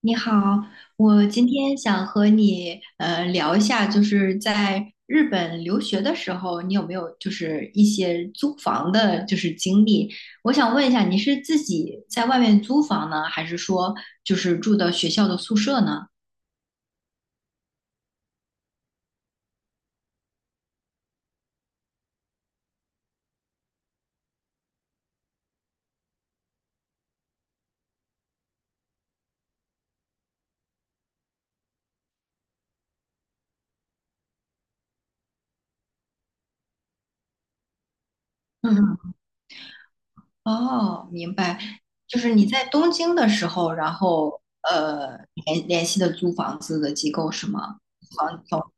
你好，我今天想和你聊一下，就是在日本留学的时候，你有没有就是一些租房的，就是经历？我想问一下，你是自己在外面租房呢，还是说就是住的学校的宿舍呢？嗯嗯，哦，明白，就是你在东京的时候，然后联系的租房子的机构是吗？房房。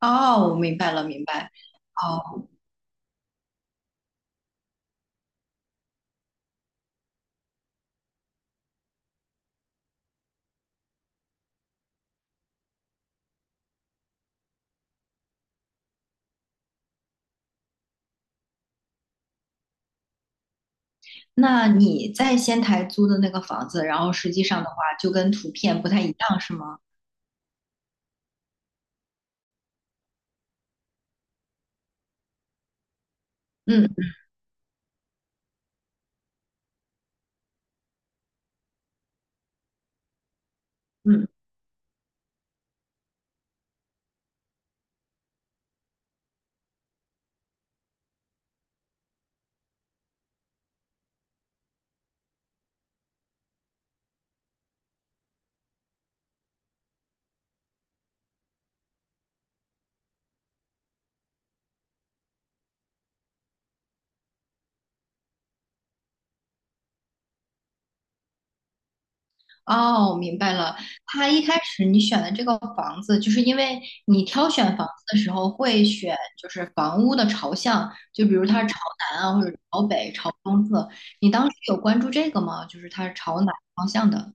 哦，我明白了，明白。哦。那你在仙台租的那个房子，然后实际上的话就跟图片不太一样，是吗？嗯嗯，哦，明白了。它一开始你选的这个房子，就是因为你挑选房子的时候会选就是房屋的朝向，就比如它是朝南啊，或者朝北、朝东侧。你当时有关注这个吗？就是它是朝哪个方向的？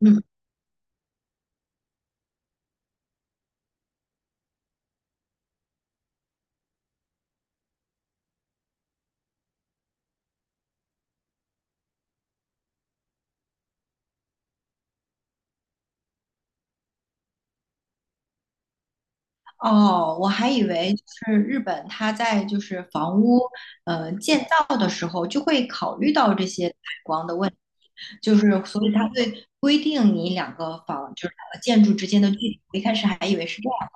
嗯。哦，我还以为就是日本，它在就是房屋建造的时候就会考虑到这些采光的问题，就是所以它会规定你两个房就是两个建筑之间的距离。我一开始还以为是这样。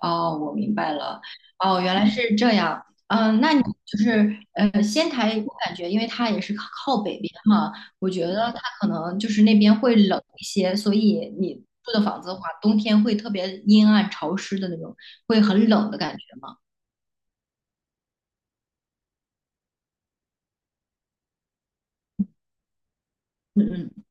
哦，我明白了。哦，原来是这样。嗯，那你就是，仙台，我感觉因为它也是靠北边嘛，我觉得它可能就是那边会冷一些，所以你住的房子的话，冬天会特别阴暗潮湿的那种，会很冷的感觉吗？嗯嗯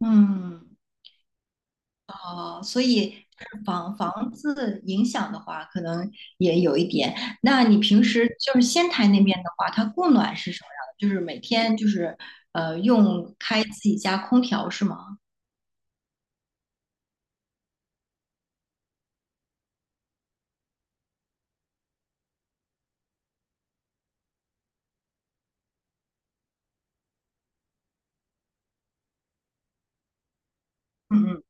嗯。哦，所以房子影响的话，可能也有一点。那你平时就是仙台那边的话，它供暖是什么样的？就是每天就是用开自己家空调是吗？嗯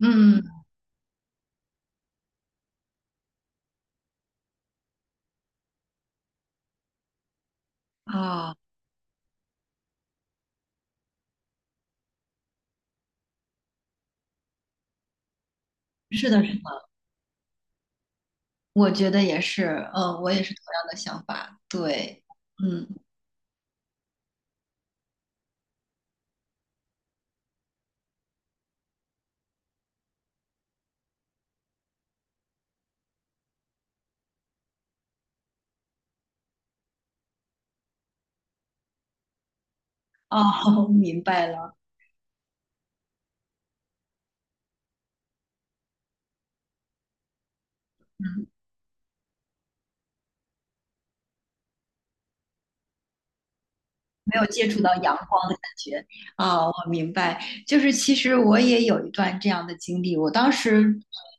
嗯嗯啊，是的，是的，我觉得也是，嗯，我也是同样的想法。对，嗯，哦，明白了。没有接触到阳光的感觉啊，我明白。就是其实我也有一段这样的经历，我当时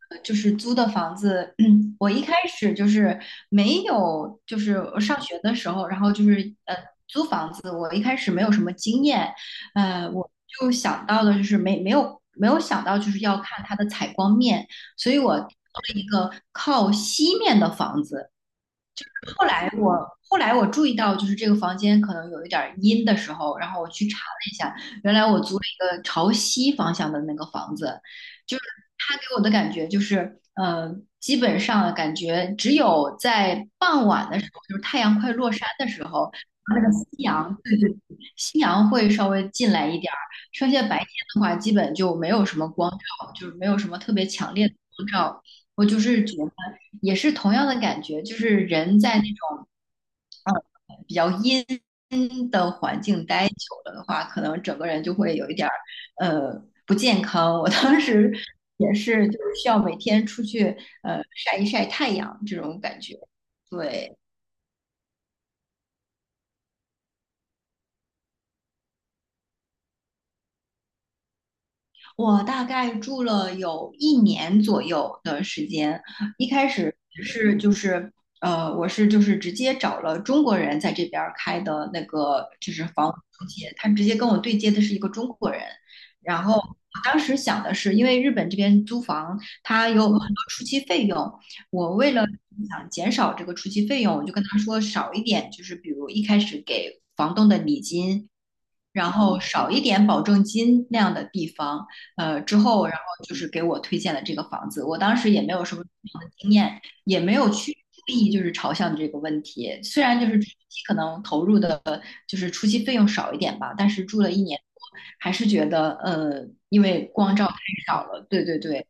就是租的房子，嗯，我一开始就是没有，就是我上学的时候，然后就是租房子，我一开始没有什么经验，我就想到的就是没有想到就是要看它的采光面，所以我租了一个靠西面的房子。后来我注意到，就是这个房间可能有一点阴的时候，然后我去查了一下，原来我租了一个朝西方向的那个房子，就是它给我的感觉就是，基本上感觉只有在傍晚的时候，就是太阳快落山的时候，那个夕阳，对对，夕阳会稍微进来一点儿，剩下白天的话，基本就没有什么光照，就是没有什么特别强烈的光照。我就是觉得也是同样的感觉，就是人在那种比较阴的环境待久了的话，可能整个人就会有一点儿不健康。我当时也是，就是需要每天出去晒一晒太阳这种感觉。对，我大概住了有一年左右的时间，一开始是就是我是就是直接找了中国人在这边儿开的那个就是房屋中介，他直接跟我对接的是一个中国人，然后我当时想的是，因为日本这边租房它有很多初期费用，我为了想减少这个初期费用，我就跟他说少一点，就是比如一开始给房东的礼金。然后少一点保证金那样的地方，之后然后就是给我推荐了这个房子。我当时也没有什么房的经验，也没有去注意就是朝向的这个问题。虽然就是初期可能投入的就是初期费用少一点吧，但是住了一年多，还是觉得，因为光照太少了。对对对，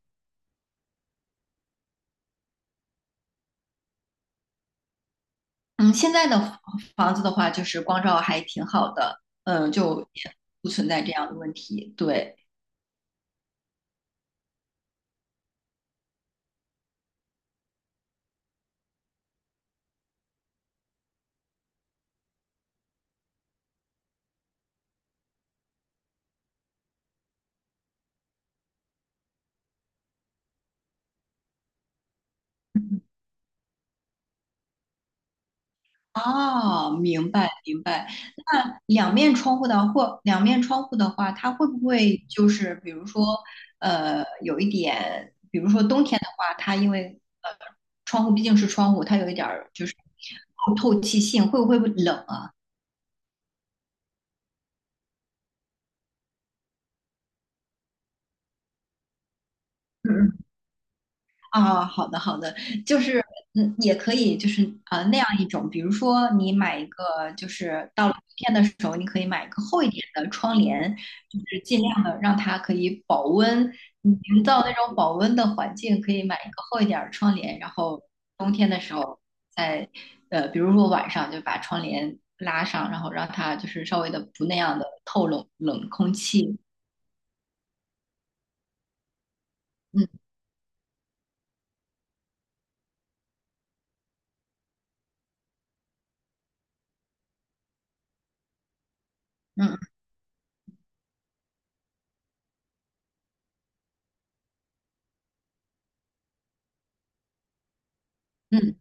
嗯，现在的房子的话，就是光照还挺好的，嗯、就也不存在这样的问题。对。哦，明白明白。那两面窗户的或两面窗户的话，它会不会就是比如说，有一点，比如说冬天的话，它因为窗户毕竟是窗户，它有一点儿就是透气性，会不会冷啊？啊，好的好的，就是嗯，也可以就是那样一种，比如说你买一个，就是到了冬天的时候，你可以买一个厚一点的窗帘，就是尽量的让它可以保温，你营造那种保温的环境，可以买一个厚一点儿的窗帘，然后冬天的时候在，比如说晚上就把窗帘拉上，然后让它就是稍微的不那样的透冷空气，嗯嗯嗯。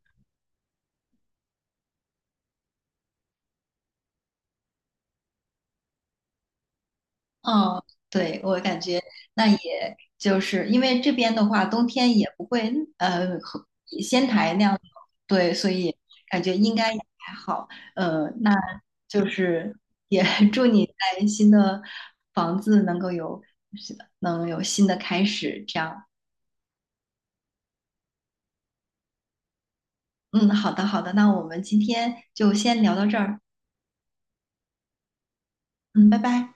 哦，对，我感觉那也就是因为这边的话，冬天也不会和仙台那样，对，所以感觉应该也还好。那就是也 祝你在新的房子能够有能有新的开始，这样。嗯，好的，好的，那我们今天就先聊到这儿。嗯，拜拜。